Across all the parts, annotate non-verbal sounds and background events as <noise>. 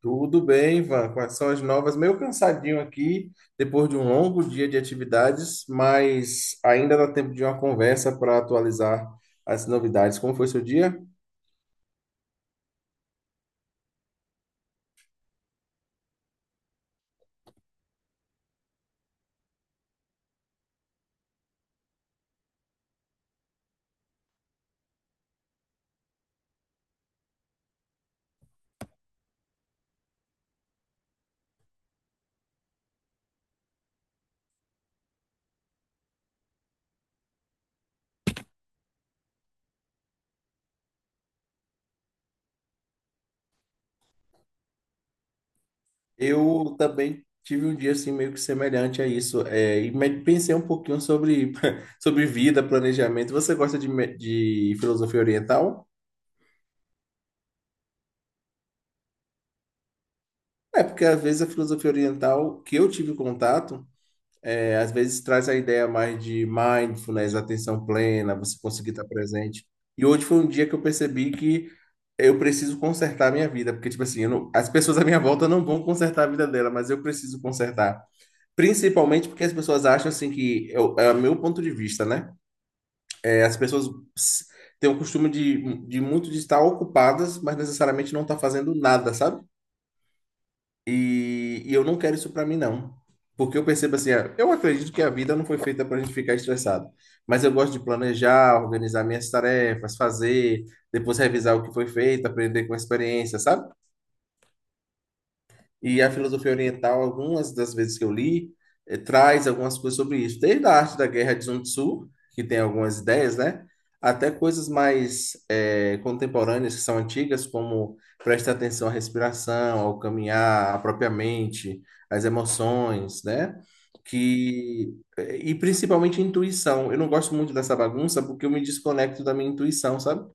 Tudo bem, Ivan? Quais são as novas? Meio cansadinho aqui, depois de um longo dia de atividades, mas ainda dá tempo de uma conversa para atualizar as novidades. Como foi seu dia? Eu também tive um dia assim meio que semelhante a isso, pensei um pouquinho sobre, <laughs> sobre vida, planejamento. Você gosta de filosofia oriental? É, porque às vezes a filosofia oriental que eu tive contato. É, às vezes traz a ideia mais de mindfulness, atenção plena, você conseguir estar presente. E hoje foi um dia que eu percebi que eu preciso consertar a minha vida, porque, tipo assim, eu não- as pessoas à minha volta não vão consertar a vida dela, mas eu preciso consertar. Principalmente porque as pessoas acham, assim, é o meu ponto de vista, né? É, as pessoas s- têm o costume de muito de estar ocupadas, mas necessariamente não estar fazendo nada, sabe? E eu não quero isso para mim, não. Porque eu percebo assim, ah, eu acredito que a vida não foi feita para a gente ficar estressado. Mas eu gosto de planejar, organizar minhas tarefas, fazer, depois revisar o que foi feito, aprender com a experiência, sabe? E a filosofia oriental, algumas das vezes que eu li, traz algumas coisas sobre isso, desde a arte da guerra de Sun Tzu, que tem algumas ideias, né? Até coisas mais contemporâneas, que são antigas, como prestar atenção à respiração, ao caminhar, à própria mente, às emoções, né? Que, e principalmente intuição. Eu não gosto muito dessa bagunça porque eu me desconecto da minha intuição, sabe?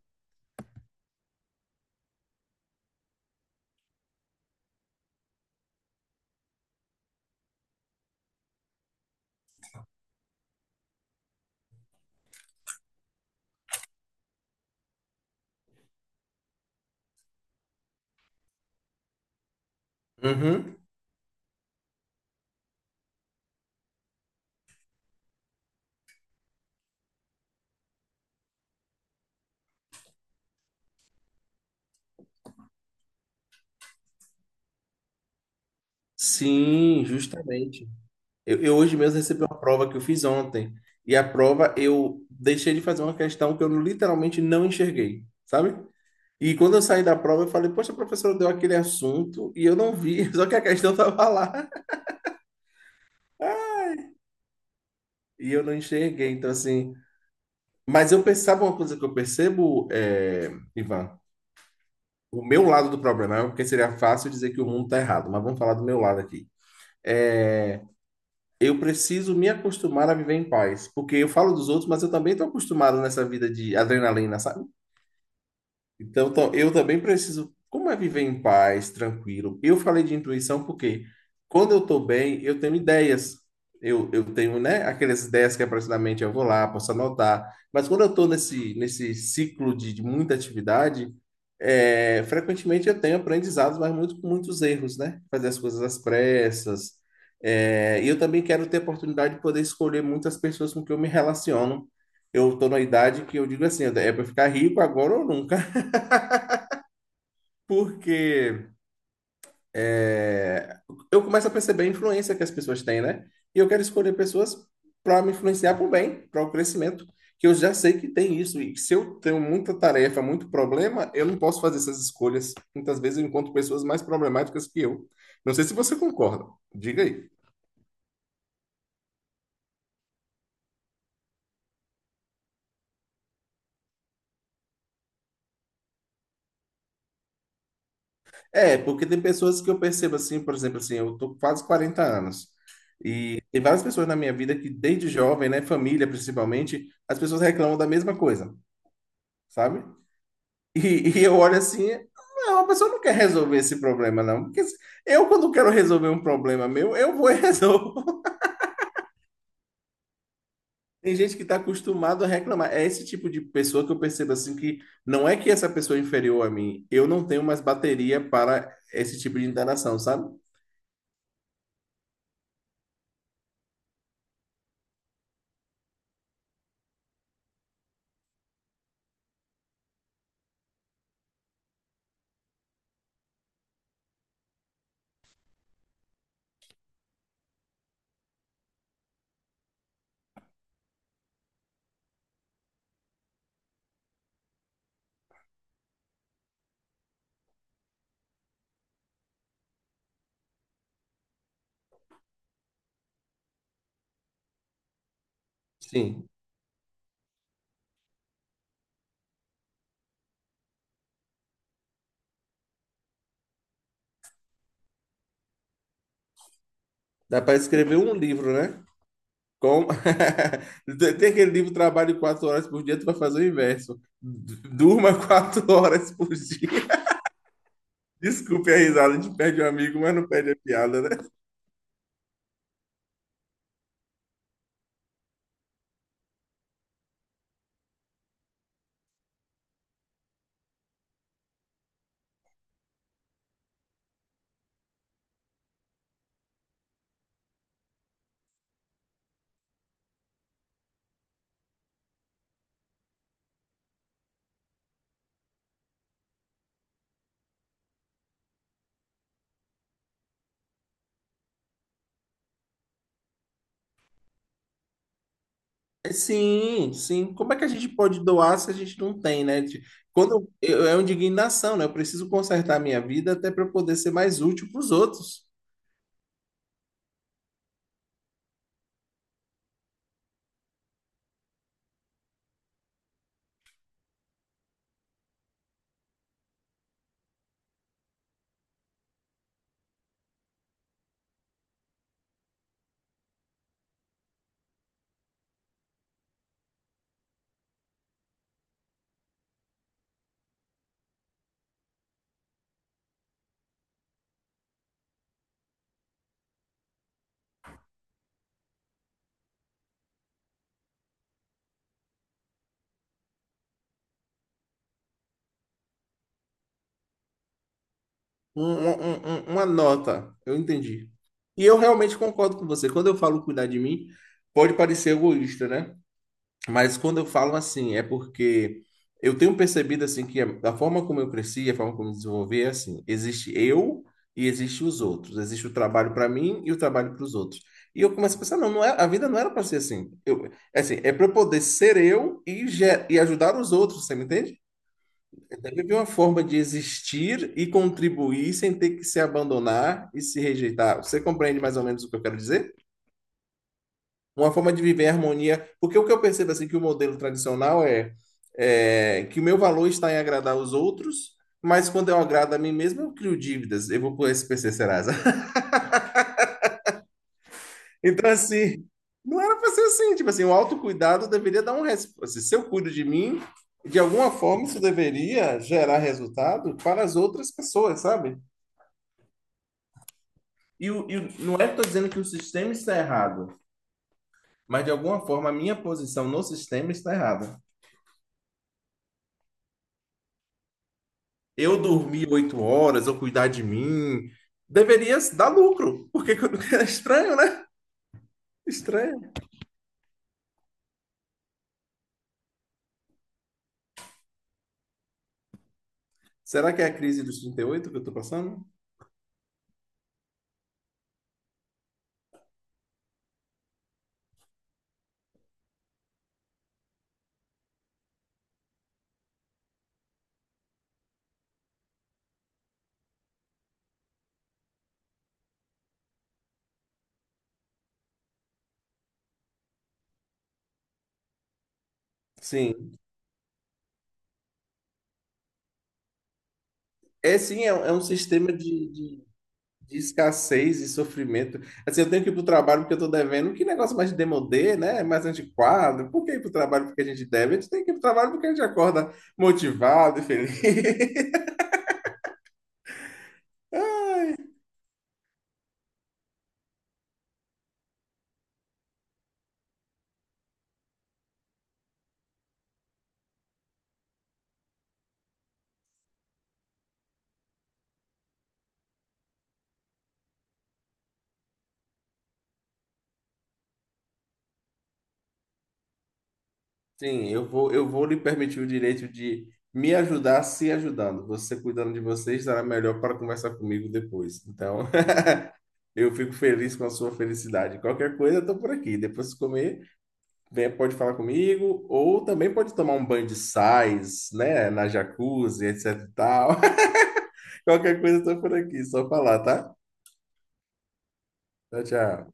Uhum. Sim, justamente. Eu hoje mesmo recebi uma prova que eu fiz ontem. E a prova eu deixei de fazer uma questão que eu literalmente não enxerguei, sabe? E quando eu saí da prova, eu falei, poxa, a professora deu aquele assunto e eu não vi, <laughs> só que a questão estava lá e eu não enxerguei. Então, assim. Mas eu pensava uma coisa que eu percebo, é, Ivan, o meu lado do problema, é porque seria fácil dizer que o mundo está errado, mas vamos falar do meu lado aqui. É, eu preciso me acostumar a viver em paz, porque eu falo dos outros, mas eu também estou acostumado nessa vida de adrenalina, sabe? Então, eu também preciso. Como é viver em paz, tranquilo? Eu falei de intuição porque quando eu estou bem, eu tenho ideias. Eu tenho, né, aquelas ideias que aparecem na mente, eu vou lá, posso anotar. Mas quando eu estou nesse ciclo de muita atividade, é, frequentemente eu tenho aprendizados, mas muito com muitos erros, né? Fazer as coisas às pressas. É, e eu também quero ter a oportunidade de poder escolher muitas pessoas com que eu me relaciono. Eu estou na idade que eu digo assim, é para ficar rico agora ou nunca. Porque é, eu começo a perceber a influência que as pessoas têm, né? E eu quero escolher pessoas para me influenciar para o bem, para o crescimento, que eu já sei que tem isso. E que se eu tenho muita tarefa, muito problema, eu não posso fazer essas escolhas. Muitas vezes eu encontro pessoas mais problemáticas que eu. Não sei se você concorda. Diga aí. É, porque tem pessoas que eu percebo assim, por exemplo, assim, eu tô com quase 40 anos. E tem várias pessoas na minha vida que desde jovem, né, família principalmente, as pessoas reclamam da mesma coisa, sabe? E eu olho assim, não, a pessoa não quer resolver esse problema, não. Porque se- eu, quando quero resolver um problema meu, eu vou e <laughs> resolvo. Tem gente que está acostumado a reclamar. É esse tipo de pessoa que eu percebo assim que não é que essa pessoa é inferior a mim. Eu não tenho mais bateria para esse tipo de interação, sabe? Sim. Dá para escrever um livro, né? Com... <laughs> Tem aquele livro Trabalho 4 horas por dia, tu vai fazer o inverso. Durma 4 horas por dia. Desculpe a risada, a gente perde um amigo, mas não perde a piada, né? Sim, sim. Como é que a gente pode doar se a gente não tem, né? De- Quando eu, é uma indignação, né? Eu preciso consertar a minha vida até para poder ser mais útil para os outros. Uma nota, eu entendi. E eu realmente concordo com você. Quando eu falo cuidar de mim, pode parecer egoísta, né? Mas quando eu falo assim, é porque eu tenho percebido assim que a forma como eu cresci, a forma como eu me desenvolvi é assim, existe eu e existe os outros, existe o trabalho para mim e o trabalho para os outros. E eu começo a pensar, não, não é, a vida não era para ser assim. Eu, é assim, é para eu poder ser eu e e ajudar os outros, você me entende? É viver uma forma de existir e contribuir sem ter que se abandonar e se rejeitar. Você compreende mais ou menos o que eu quero dizer? Uma forma de viver em harmonia. Porque o que eu percebo assim que o modelo tradicional é, é que o meu valor está em agradar os outros, mas quando eu agrado a mim mesmo, eu crio dívidas. Eu vou pro SPC Serasa. <laughs> Então, assim, não era para ser assim. Tipo assim, o autocuidado deveria dar um resposta. Se eu cuido de mim, de alguma forma isso deveria gerar resultado para as outras pessoas, sabe? E, não é que eu estou dizendo que o sistema está errado, mas de alguma forma a minha posição no sistema está errada. Eu dormir 8 horas, eu cuidar de mim, deveria dar lucro. Porque <laughs> é estranho, né? Estranho. Será que é a crise dos 38 que eu estou passando? Sim. É sim, é, é um sistema de escassez e sofrimento. Assim, eu tenho que ir para o trabalho porque eu estou devendo. Que negócio mais demodê, né? É mais antiquado. Por que ir para o trabalho porque a gente deve? A gente tem que ir para o trabalho porque a gente acorda motivado e feliz. Sim, eu vou lhe permitir o direito de me ajudar se ajudando. Você cuidando de você estará melhor para conversar comigo depois. Então, <laughs> eu fico feliz com a sua felicidade. Qualquer coisa, eu estou por aqui. Depois de comer, vem, pode falar comigo, ou também pode tomar um banho de sais, né, na jacuzzi, etc e tal. <laughs> Qualquer coisa, eu estou por aqui. Só falar, tá? Tchau, tchau.